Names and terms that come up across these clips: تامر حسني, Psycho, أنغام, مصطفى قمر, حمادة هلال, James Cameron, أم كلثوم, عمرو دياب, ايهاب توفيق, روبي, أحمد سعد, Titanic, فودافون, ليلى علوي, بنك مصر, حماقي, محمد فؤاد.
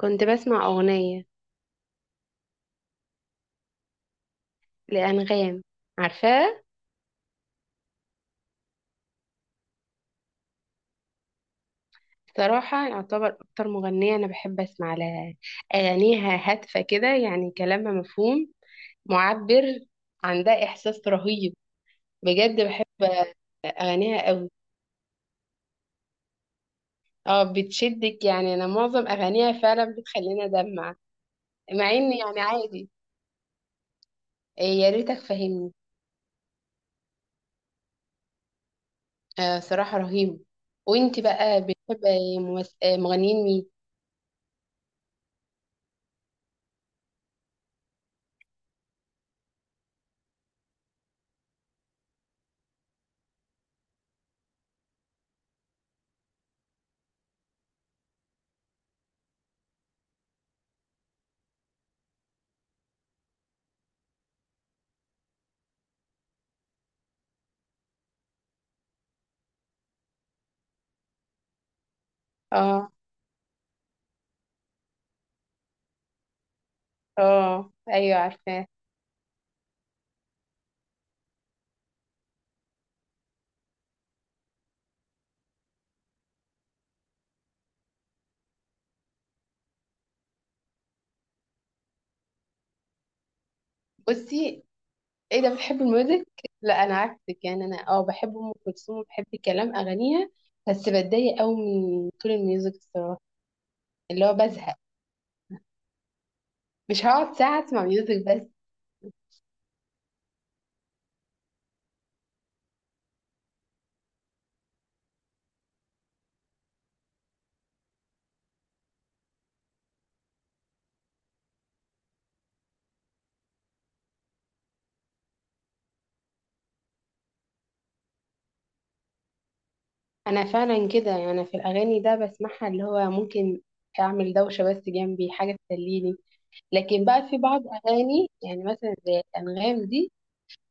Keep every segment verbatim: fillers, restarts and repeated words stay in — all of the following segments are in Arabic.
كنت بسمع أغنية لأنغام. عارفاها؟ صراحة يعتبر أكتر مغنية أنا بحب أسمع لها. أغانيها هادفة كده، يعني كلامها مفهوم، معبر. عندها إحساس رهيب. بجد بحب أغانيها قوي. اه، بتشدك. يعني أنا معظم أغانيها فعلا بتخليني أدمع، مع إن يعني عادي. آه، يا ريتك فاهمني. آه، صراحة رهيب. وإنتي بقى بتحب ممس- آه، مغنيين مين؟ اه. اه، أيوه عارفاه. بصي، ايه ده بتحب الميوزك؟ لا، انا عكسك. يعني انا اه بحب ام كلثوم وبحب كلام اغانيها، بس بتضايق قوي من طول الميوزك الصراحه، اللي هو بزهق. مش هقعد ساعه اسمع ميوزك بس. انا فعلا كده. يعني أنا في الاغاني ده بسمعها، اللي هو ممكن اعمل دوشه بس جنبي حاجه تسليني. لكن بقى في بعض اغاني يعني، مثلا زي الانغام دي،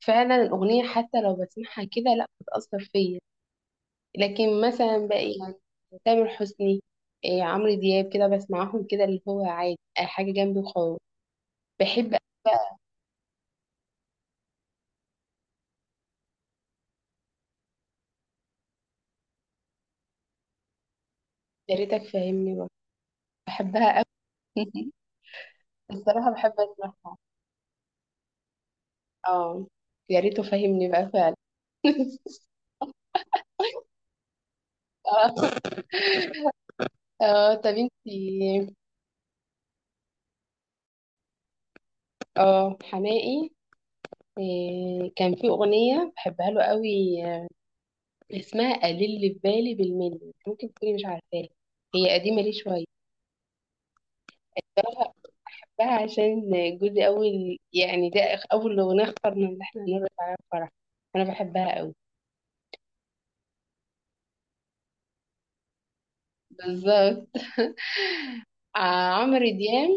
فعلا الاغنيه حتى لو بسمعها كده لا بتاثر فيا. لكن مثلا باقي، تامر حسني، إيه عمرو دياب، كده بسمعهم كده، اللي هو عادي أي حاجة جنبي وخلاص. بحب أوي بقى. يا ريتك فاهمني بقى. بحبها أوي. الصراحة بحب أسمعها. اه، يا ريته فاهمني بقى فعلا. اه. اه طب انتي. اه، حماقي. إيه، كان في أغنية بحبها له قوي. آه، اسمها قليل اللي في بالي بالملي. ممكن تكوني مش عارفاها، هي قديمة ليه شوية. بقى عشان جوزي أول، يعني ده آخ- أول أغنية اخترنا اللي احنا هنرقص عليها الفرح. أنا بحبها أوي. بالظبط. آه، عمرو دياب.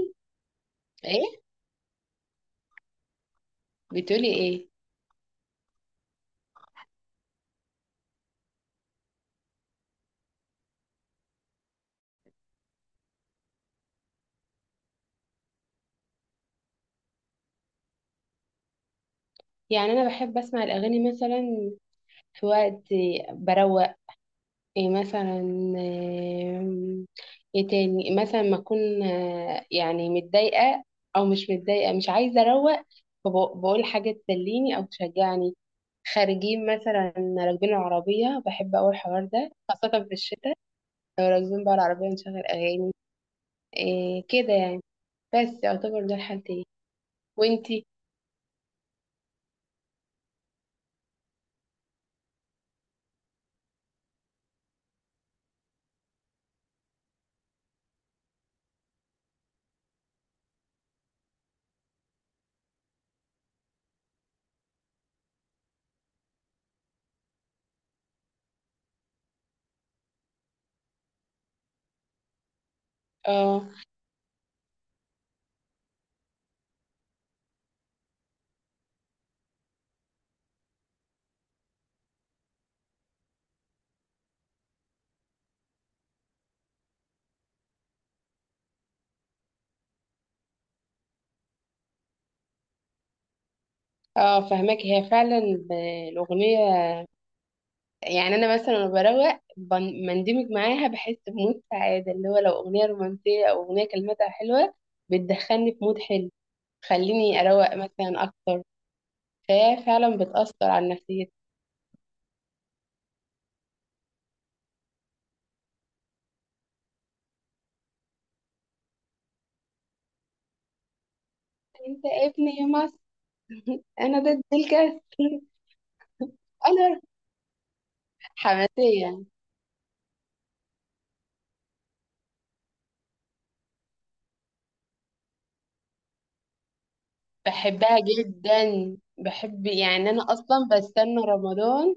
إيه بتقولي إيه؟ يعني أنا بحب أسمع الأغاني، مثلا في وقت بروق. إيه مثلا؟ آم، إيه تاني مثلا؟ ما أكون آه، يعني متضايقة، أو مش متضايقة، مش عايزة أروق، فبقول حاجة تسليني أو تشجعني. خارجين مثلا، راكبين العربية، بحب أوي الحوار ده خاصة في الشتاء. لو راكبين بقى العربية نشغل أغاني. إيه كده يعني. بس يعتبر ده الحالتين. وانتي؟ اه. اه، فهماك. هي فعلا ب- الأغنية، يعني أنا مثلا لما بروق بن- بندمج معاها، بحس بمود سعادة. اللي هو لو أغنية رومانسية أو أغنية كلماتها حلوة، بتدخلني في مود حلو، تخليني أروق مثلا أكتر. فهي فعلا بتأثر على نفسيتي. انت ابني يا مصر، أنا ضد الكسل. انا حماسيه. بحبها جدا. بحب يعني انا اصلا بستنى رمضان.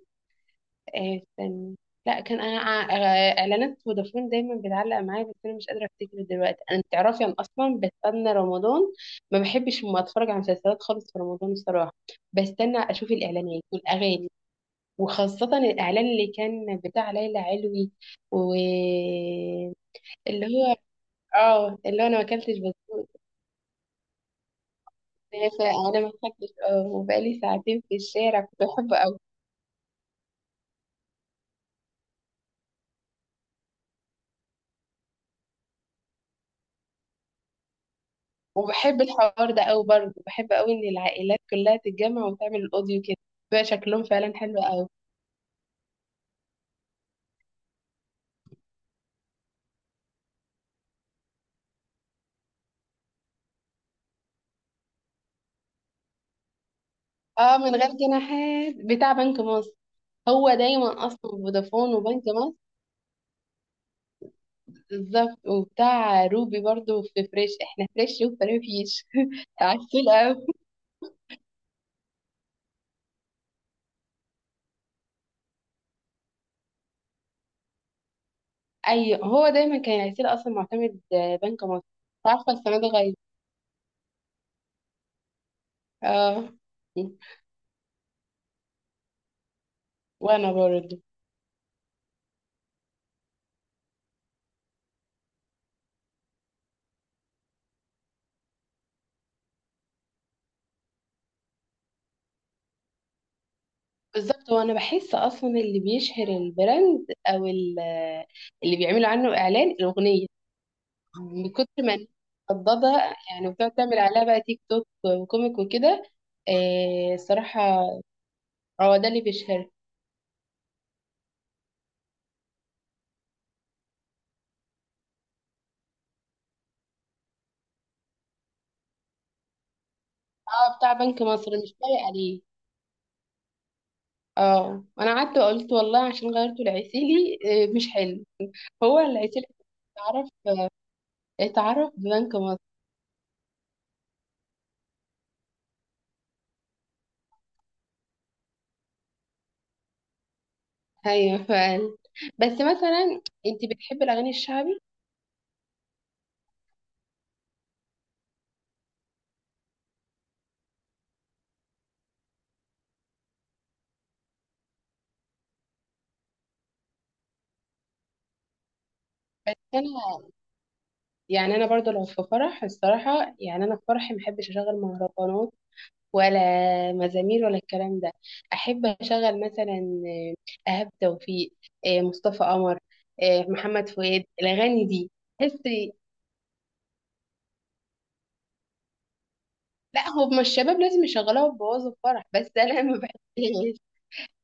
آه، استنى. لا، كان انا ع- آه، اعلانات فودافون دايما بتعلق معايا، بس انا مش قادره افتكر دلوقتي. انا تعرفي انا اصلا بستنى رمضان، ما بحبش ما اتفرج على مسلسلات خالص في رمضان الصراحه. بستنى اشوف الاعلانات والاغاني، وخاصه الاعلان اللي كان بتاع ليلى علوي. واللي هو، اه، اللي هو انا ما اكلتش في. انا ما خدتش. اه، وبقالي ساعتين في الشارع كنت بحبه قوي. وبحب الحوار ده قوي برضه. بحب قوي ان العائلات كلها تتجمع وتعمل الاوديو كده، بيبقى شكلهم فعلا حلو قوي. اه، من غير جناحات بتاع بنك مصر. هو دايما اصلا فودافون وبنك مصر. بالظبط، وبتاع روبي برضه في فريش، احنا فريش وفريش عسول قوي. ايوه، هو دايما كان عسول. اصلا معتمد آه، بنك مصر. عارفه السنه دي غير؟ اه، وانا برضه بالظبط. هو انا بحس اصلا اللي بيشهر البراند او ال- اللي بيعملوا عنه اعلان الاغنيه، من كتر ما الناس مردده، يعني بتقعد تعمل عليها بقى تيك توك وكوميك وكده. آه الصراحه، هو ده اللي بيشهر. اه، بتاع بنك مصر مش لايق عليه. اه، انا قعدت وقلت والله عشان غيرته لعسيلي. آه مش حلو. هو العسيلي اتعرف، اتعرف ببنك مصر. ايوه فعلا. بس مثلا انت بتحبي الاغاني الشعبي؟ بس انا، يعني انا برضو لو في فرح الصراحه، يعني انا في فرحي ما احبش اشغل مهرجانات، ولا مزامير ولا الكلام ده. احب اشغل مثلا آه، ايهاب توفيق، آه، مصطفى قمر، آه، محمد فؤاد، الاغاني دي. تحس. لا، هما الشباب لازم يشغلوها وبوظوا الفرح، بس انا ما بحبش.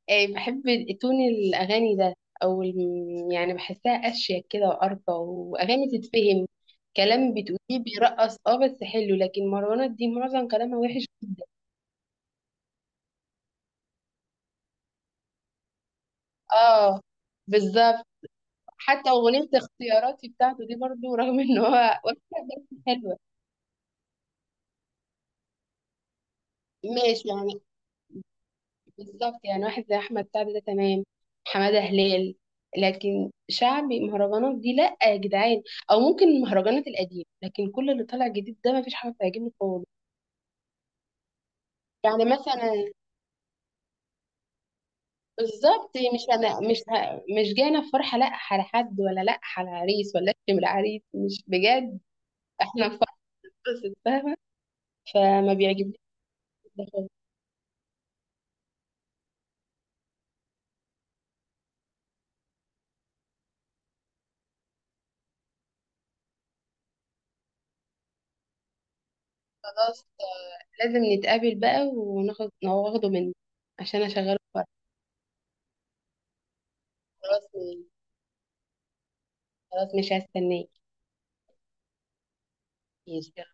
آه، بحب تون الاغاني ده، او الم- يعني بحسها اشيك كده وارقى، واغاني تتفهم كلام بتقوليه. بيرقص اه، بس حلو، لكن مروانات دي معظم كلامها وحش. اه، بالظبط. حتى أغنية اختياراتي بتاعته دي برضو، رغم ان هو واحد، بس حلوة. ماشي يعني. بالظبط، يعني واحد زي أحمد سعد ده تمام، حمادة هلال. لكن شعبي مهرجانات دي لأ يا جدعان. أو ممكن المهرجانات القديمة، لكن كل اللي طالع جديد ده مفيش حاجة بتعجبني خالص. يعني مثلا بالظبط، مش أنا مش ه... مش جاية في فرحة لأ على حد، ولا لأ على عريس، ولا أشتم العريس. مش بجد، احنا في فرحة. بس فاهمة، فما بيعجبنيش ده خالص. خلاص، لازم نتقابل بقى وناخد واخده منك، عشان اشغله في ورق. خلاص م- خلاص مش هستناك. ماشي يلا.